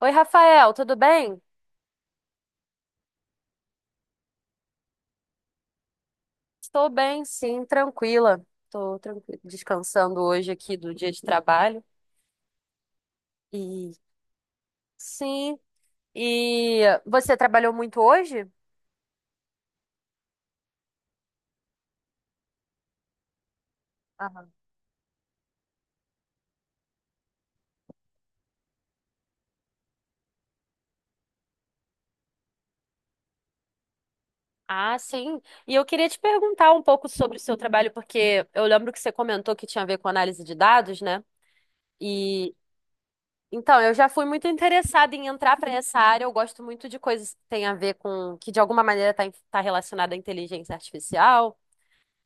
Oi, Rafael, tudo bem? Estou bem, sim, tranquila. Estou descansando hoje aqui do dia de trabalho. E sim, e você trabalhou muito hoje? Aham. Ah, sim. E eu queria te perguntar um pouco sobre o seu trabalho, porque eu lembro que você comentou que tinha a ver com análise de dados, né? E eu já fui muito interessada em entrar para essa área. Eu gosto muito de coisas que têm a ver que de alguma maneira tá relacionada à inteligência artificial.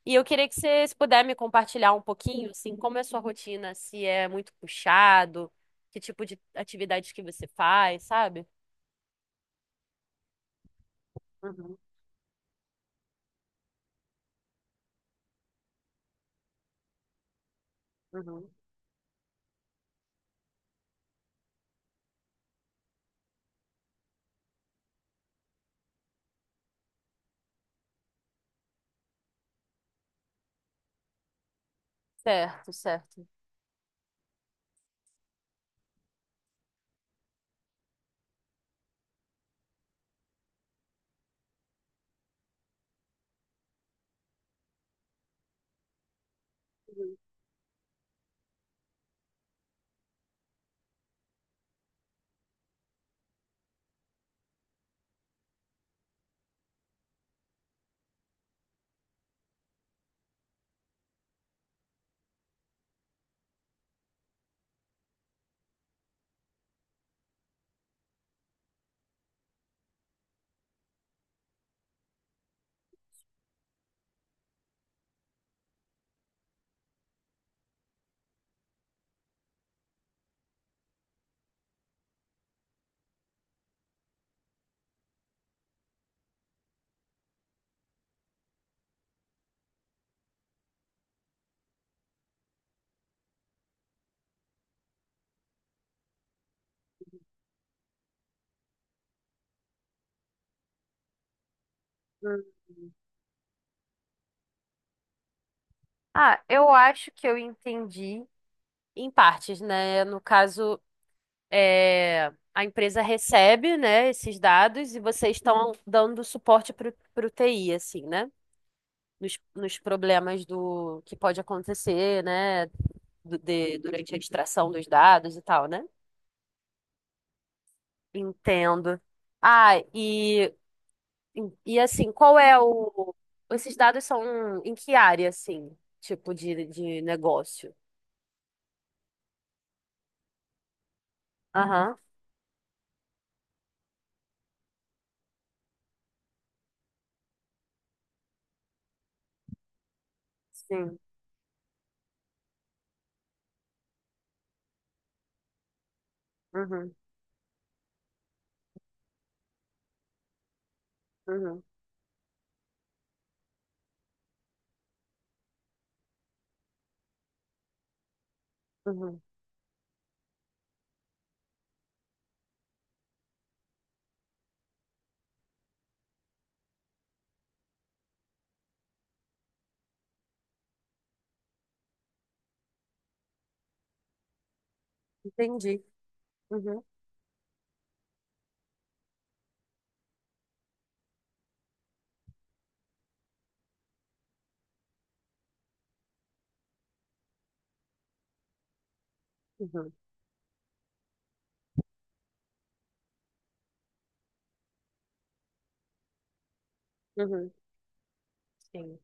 E eu queria que você, se puder me compartilhar um pouquinho, assim, como é a sua rotina, se é muito puxado, que tipo de atividades que você faz, sabe? Uhum, uhum. Certo, certo. Uhum, uhum. Ah, eu acho que eu entendi. Em partes, né? No caso, é, a empresa recebe, né, esses dados e vocês estão dando suporte para o TI, assim, né? Nos problemas do que pode acontecer, né? Durante a extração dos dados e tal, né? Entendo. Ah, e, e assim, qual é o. Esses dados são em que área, assim? Tipo de negócio? Aham, sim. Uhum, uhum, uhum. Entendi. Uhum, uhum, uhum. Sim.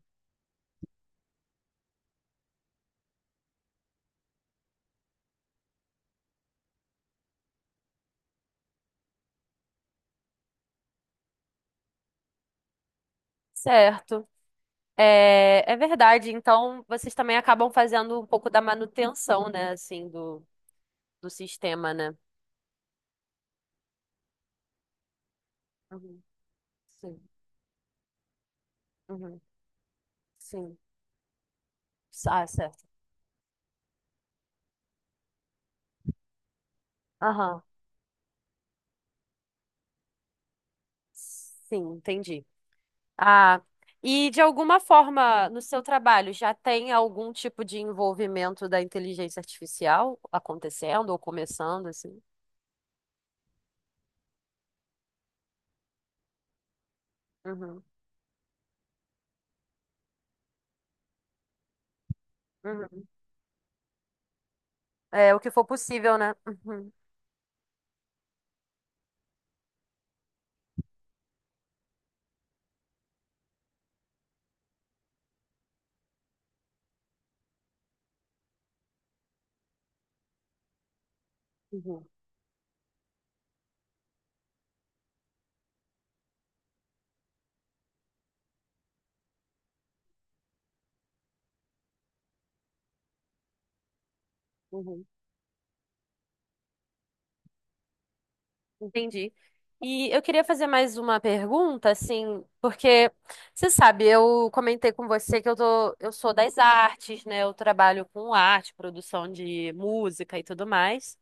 Certo. É, é verdade. Então, vocês também acabam fazendo um pouco da manutenção, né? Assim, do sistema, né? Uhum, sim. Uhum, sim. Ah, certo. Aham. Sim, entendi. Ah, e de alguma forma, no seu trabalho, já tem algum tipo de envolvimento da inteligência artificial acontecendo ou começando, assim? Uhum, uhum. É o que for possível, né? Uhum, uhum, uhum. Entendi. E eu queria fazer mais uma pergunta, assim, porque você sabe, eu comentei com você que eu tô, eu sou das artes, né? Eu trabalho com arte, produção de música e tudo mais.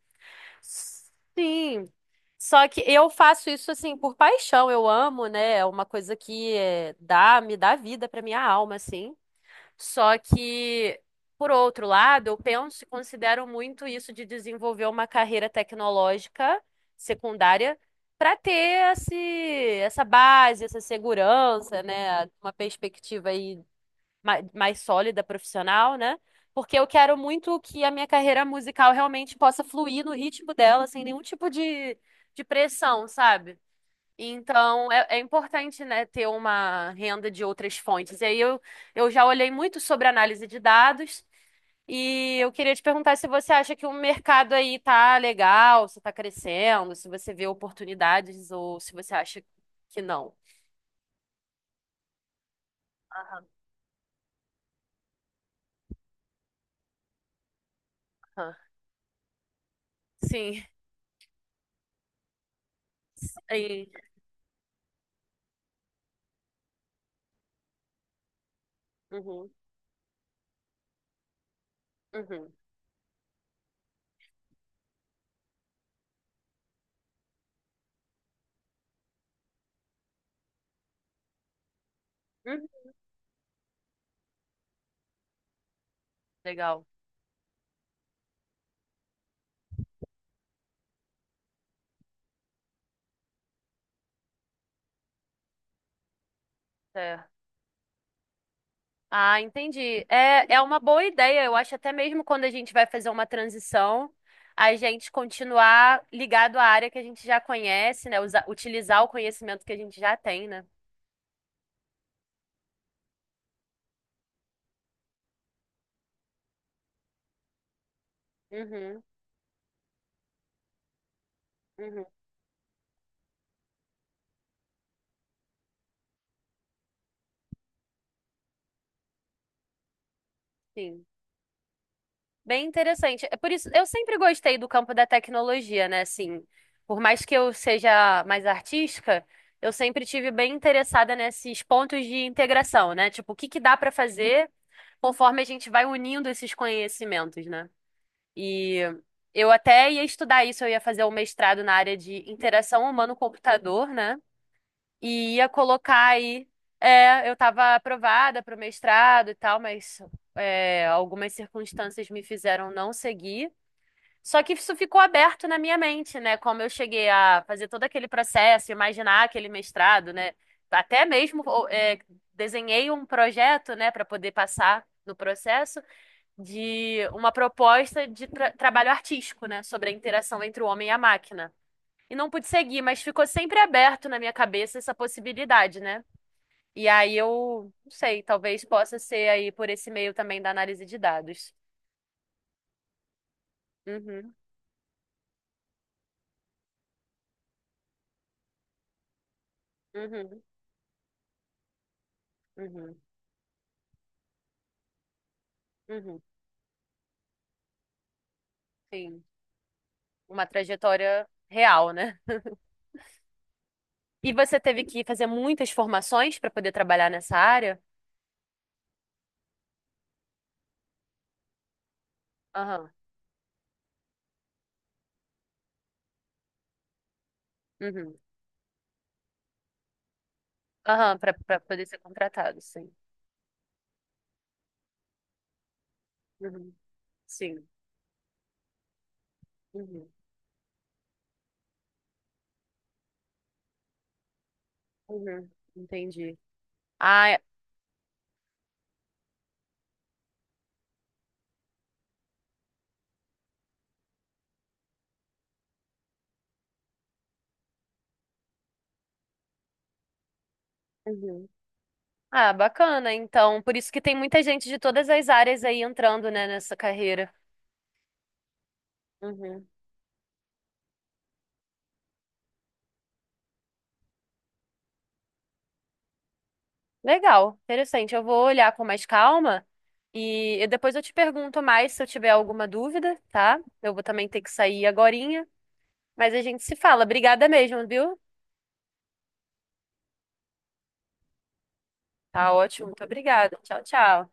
Sim. Só que eu faço isso assim por paixão, eu amo, né? É uma coisa que me dá vida pra minha alma, assim. Só que, por outro lado, eu penso e considero muito isso de desenvolver uma carreira tecnológica secundária para ter esse, essa base, essa segurança, né? Uma perspectiva aí mais sólida, profissional, né? Porque eu quero muito que a minha carreira musical realmente possa fluir no ritmo dela, sem nenhum tipo de pressão, sabe? Então, é, é importante, né, ter uma renda de outras fontes. Eu já olhei muito sobre análise de dados e eu queria te perguntar se você acha que o mercado aí tá legal, se tá crescendo, se você vê oportunidades ou se você acha que não. Aham, aham. Sim. Sim. Uhum, uhum. Uhum. Legal. Certo. Ah, entendi. É, é uma boa ideia. Eu acho até mesmo quando a gente vai fazer uma transição, a gente continuar ligado à área que a gente já conhece, né? Utilizar o conhecimento que a gente já tem, né? Uhum, uhum, sim. Bem interessante. É por isso, eu sempre gostei do campo da tecnologia, né? Assim, por mais que eu seja mais artística, eu sempre tive bem interessada nesses pontos de integração, né? Tipo, o que que dá para fazer conforme a gente vai unindo esses conhecimentos, né? E eu até ia estudar isso, eu ia fazer um mestrado na área de interação humano-computador, né? E ia colocar aí. É, eu estava aprovada para o mestrado e tal, mas é, algumas circunstâncias me fizeram não seguir. Só que isso ficou aberto na minha mente, né? Como eu cheguei a fazer todo aquele processo, imaginar aquele mestrado, né? Até mesmo é, desenhei um projeto, né, para poder passar no processo de uma proposta de trabalho artístico, né, sobre a interação entre o homem e a máquina. E não pude seguir, mas ficou sempre aberto na minha cabeça essa possibilidade, né? E aí eu, não sei, talvez possa ser aí por esse meio também da análise de dados. Uhum, uhum, uhum, uhum. Sim, uma trajetória real, né? E você teve que fazer muitas formações para poder trabalhar nessa área? Aham, uhum, aham, para poder ser contratado, sim. Uhum, sim. Uhum. Uhum. Entendi. Ah, uhum, ah, bacana. Então, por isso que tem muita gente de todas as áreas aí entrando, né, nessa carreira. Uhum. Legal, interessante. Eu vou olhar com mais calma e depois eu te pergunto mais se eu tiver alguma dúvida, tá? Eu vou também ter que sair agorinha, mas a gente se fala. Obrigada mesmo, viu? Tá ótimo, muito obrigada. Tchau, tchau.